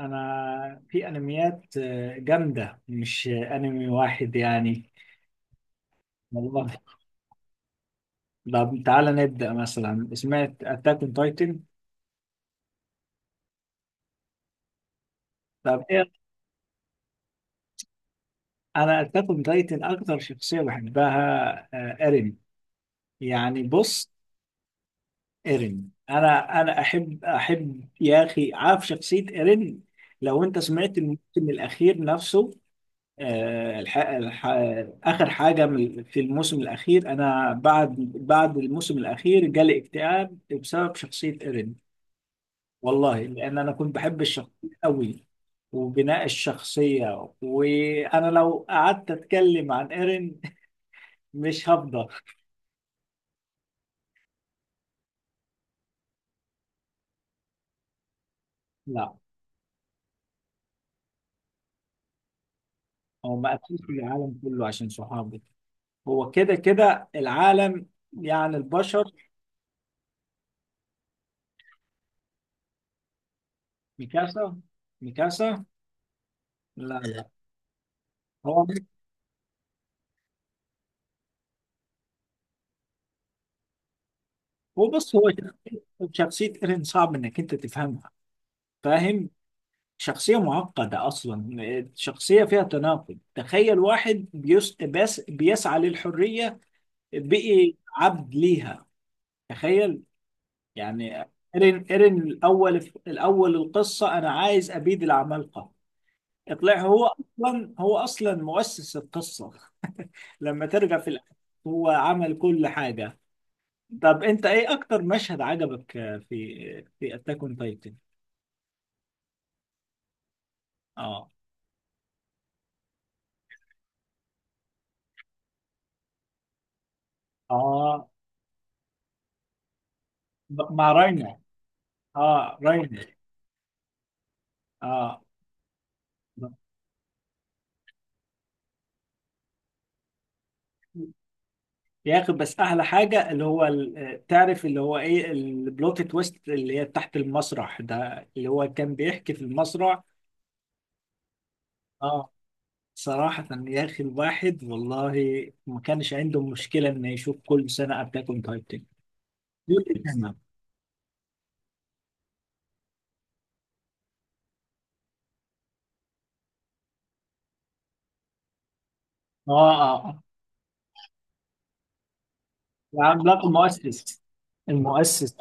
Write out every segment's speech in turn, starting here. انا في انميات جامده، مش انمي واحد يعني. والله. طب تعالى نبدا مثلا، سمعت اتاك اون تايتن؟ طب ايه؟ انا اتاك اون تايتن اكتر شخصيه بحبها ايرين. يعني بص، ايرين، انا احب يا اخي، عارف شخصيه ايرين؟ لو انت سمعت الموسم الاخير نفسه. آه، الح... الح... آخر حاجة في الموسم الأخير، أنا بعد الموسم الأخير جالي اكتئاب بسبب شخصية إيرين. والله، لأن أنا كنت بحب الشخصية أوي، وبناء الشخصية، وأنا لو قعدت أتكلم عن إيرين مش هفضل. لا، هو ما قتلش العالم كله عشان صحابه، هو كده كده العالم، يعني البشر. ميكاسا، ميكاسا. لا، لا. هو، هو بص، هو، شخصية ايرين صعب انك انت تفهمها، فاهم؟ شخصية معقدة اصلا، شخصية فيها تناقض. تخيل واحد بس بيسعى للحرية بقي عبد ليها. تخيل، يعني. ايرين، الاول القصة انا عايز ابيد العمالقة، اطلع هو اصلا مؤسس القصة. لما ترجع في الاخر، هو عمل كل حاجة. طب انت ايه اكتر مشهد عجبك؟ في اتاك اون تايتن؟ اه، اه، مع راينا. اه، راينا. اه، بياخد، بس احلى حاجه اللي هو تعرف اللي هو ايه؟ البلوت تويست اللي هي تحت المسرح ده، اللي هو كان بيحكي في المسرح. اه، صراحة يا أخي، الواحد والله ما كانش عنده مشكلة إنه يشوف كل سنة أتاك أون تايتن. آه، آه، العملاق المؤسس، المؤسس.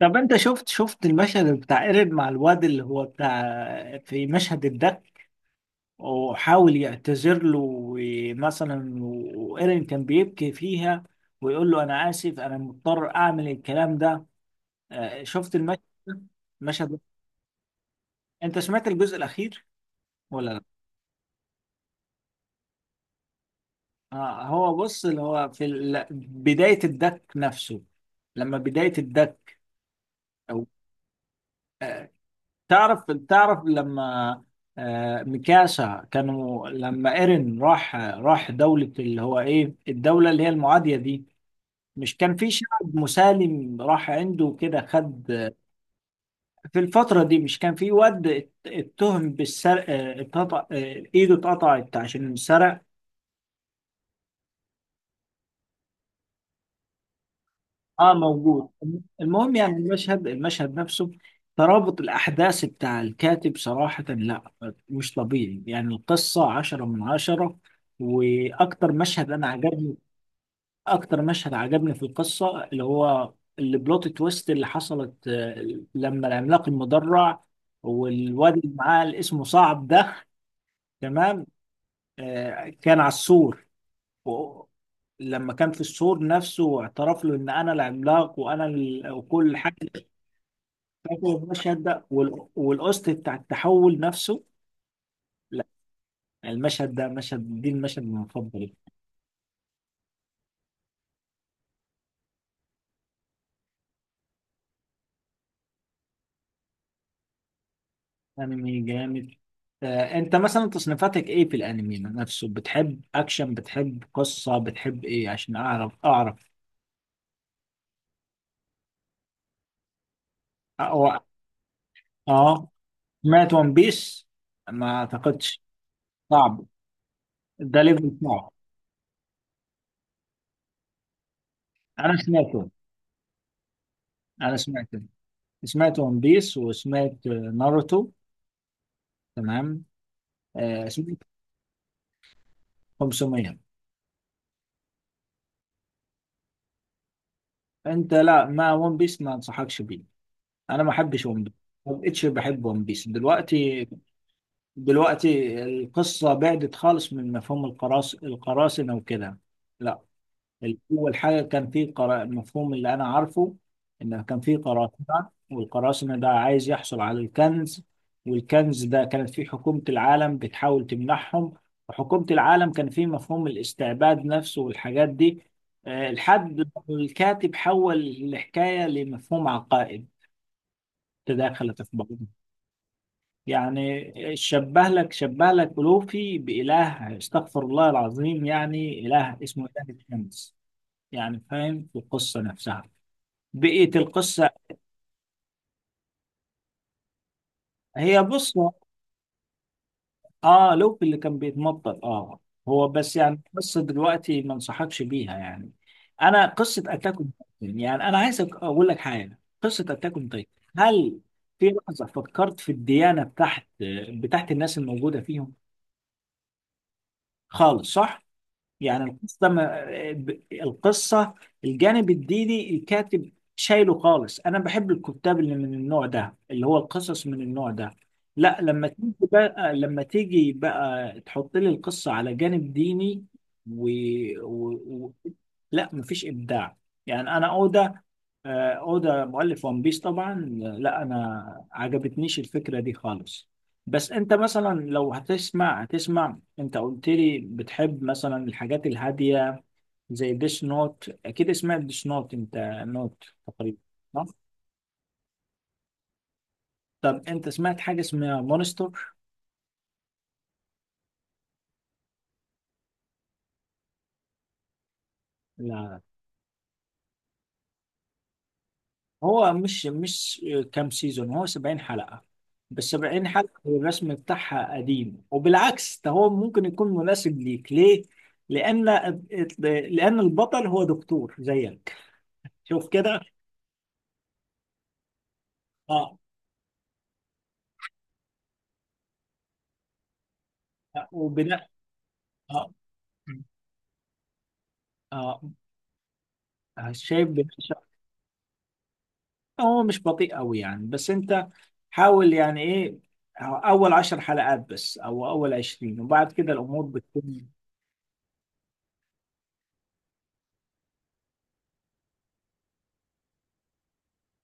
طب انت شفت المشهد بتاع ايرين مع الواد اللي هو بتاع في مشهد الدك، وحاول يعتذر له ومثلا، وايرين كان بيبكي فيها، ويقول له انا اسف، انا مضطر اعمل الكلام ده. شفت المشهد ده؟ المشهد ده؟ انت سمعت الجزء الاخير ولا لا؟ هو بص، اللي هو في بداية الدك نفسه، لما بداية الدك. تعرف لما، ميكاسا، كانوا لما ايرين راح دولة، اللي هو ايه الدولة اللي هي المعادية دي، مش كان في شعب مسالم راح عنده كده، خد. في الفترة دي مش كان في واد اتهم بالسرقة، اتقطع، ايده اتقطعت عشان سرق. اه، موجود. المهم، يعني المشهد نفسه، ترابط الأحداث بتاع الكاتب صراحة لا، مش طبيعي. يعني القصة 10 من 10. وأكتر مشهد أنا عجبني، أكتر مشهد عجبني في القصة اللي هو البلوت تويست اللي حصلت، لما العملاق المدرع والواد اللي معاه، اللي اسمه صعب ده، تمام، كان على السور، و- لما كان في السور نفسه واعترف له ان انا العملاق وانا وكل حاجه. فاكر المشهد ده والقسط بتاع التحول نفسه. لا، المشهد ده، مشهد دي المشهد المفضل. انمي جامد. انت مثلا تصنيفاتك ايه في الانمي نفسه؟ بتحب اكشن، بتحب قصة، بتحب ايه؟ عشان اعرف. اه. آه. سمعت ون بيس؟ ما اعتقدش. صعب، ده ليفل صعب. انا سمعته انا سمعته. سمعت ون بيس، وسمعت ناروتو. تمام. آه سمعت. 500. انت، لا، ما ون بيس ما انصحكش بيه، انا ما بحبش ون بيس، ما بقتش بحب ون بيس دلوقتي. دلوقتي القصه بعدت خالص من مفهوم القراصنه وكده. لا، اول حاجه كان في المفهوم اللي انا عارفه، ان كان في قراصنه، والقراصنه ده عايز يحصل على الكنز، والكنز ده كانت فيه حكومه العالم بتحاول تمنحهم، وحكومه العالم كان فيه مفهوم الاستعباد نفسه والحاجات دي، لحد ما الكاتب حول الحكايه لمفهوم عقائد تداخلت في بعض. يعني شبه لك ألوفي بإله، استغفر الله العظيم، يعني إله اسمه إله الشمس، يعني فاهم؟ في القصة نفسها، بقية القصة. هي، بص. اه، لوفي اللي كان بيتمطر، اه. هو بس يعني قصة دلوقتي ما انصحكش بيها يعني. أنا قصة أتاك أون تايتن يعني، أنا عايز أقول لك حاجة، قصة أتاك أون تايتن، هل في لحظة فكرت في الديانة بتاعت الناس الموجودة فيهم؟ خالص، صح؟ يعني القصة، ما القصة، الجانب الديني الكاتب شايله خالص. أنا بحب الكتاب اللي من النوع ده، اللي هو القصص من النوع ده. لا، لما تيجي بقى تحط لي القصة على جانب ديني و... و... و... لا مفيش إبداع. يعني أنا أوضة، اودا مؤلف ون بيس طبعا. لا، انا عجبتنيش الفكره دي خالص. بس انت مثلا، لو هتسمع، انت قلت لي بتحب مثلا الحاجات الهاديه، زي ديس نوت، اكيد سمعت ديس نوت انت، نوت تقريبا، صح؟ طب انت سمعت حاجه اسمها مونستر؟ لا، هو مش كام سيزون. هو 70 حلقة، بس 70 حلقة الرسم بتاعها قديم، وبالعكس ده هو ممكن يكون مناسب ليك. ليه؟ لأن لأن البطل هو دكتور زيك. شوف كده. اه، وبناء، اه، اه، شايف بناء هو مش بطيء قوي يعني، بس انت حاول، يعني ايه، اول 10 حلقات بس او اول 20 وبعد كده الامور بتكون.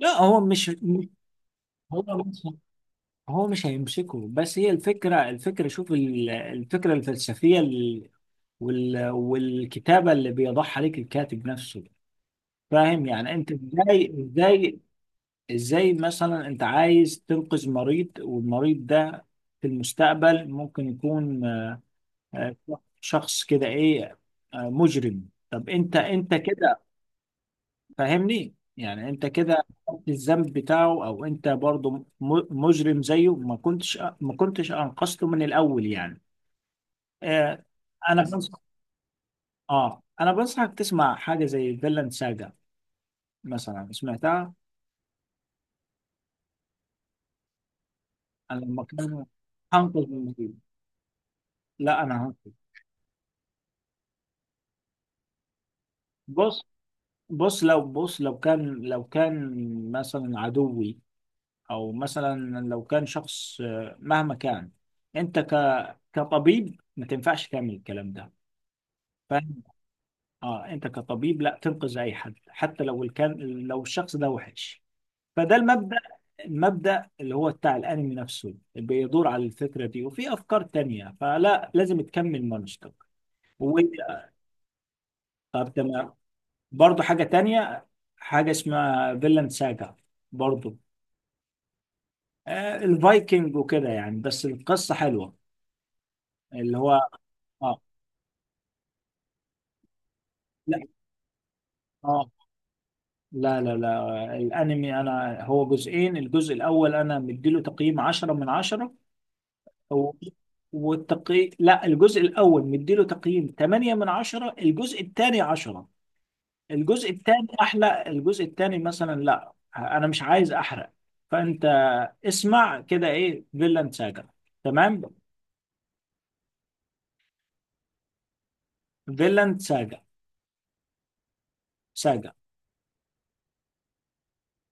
لا، هو مش هو مش هيمسكه، بس هي الفكرة شوف الفكرة الفلسفية والكتابة اللي بيضعها عليك الكاتب نفسه، فاهم؟ يعني انت ازاي ازاي مثلا، انت عايز تنقذ مريض، والمريض ده في المستقبل ممكن يكون آه، شخص كده، ايه، مجرم. طب انت كده فاهمني، يعني انت كده الذنب بتاعه، او انت برضو مجرم زيه. ما كنتش انقذته من الاول يعني. آه. انا بنصح، اه، انا بنصحك تسمع حاجه زي فيلاند ساجا مثلا. سمعتها؟ انا لما كان هنقذ المدير، لا انا هنقذ. بص بص لو بص، لو كان مثلا عدوي، او مثلا لو كان شخص مهما كان، انت كطبيب ما تنفعش تعمل الكلام ده. اه، انت كطبيب لا تنقذ اي حد، حتى لو كان، لو الشخص ده وحش، فده المبدأ، المبدأ اللي هو بتاع الانمي نفسه، اللي بيدور على الفكرة دي وفي افكار تانية، فلا لازم تكمل مانشتك. و طب تمام. برضه حاجة تانية، حاجة اسمها فيلاند ساجا برضه. الفايكنج وكده يعني، بس القصة حلوة، اللي هو، اه. لا، اه، لا، لا، لا، الانمي انا هو جزئين، الجزء الاول انا مديله تقييم 10 من 10، هو، والتقي، لا، الجزء الاول مديله تقييم 8 من 10، الجزء الثاني 10. الجزء الثاني احلى، الجزء الثاني مثلا، لا انا مش عايز احرق. فانت، اسمع كده، ايه، فيلاند ساجا. تمام. فيلاند ساجا، ساجا.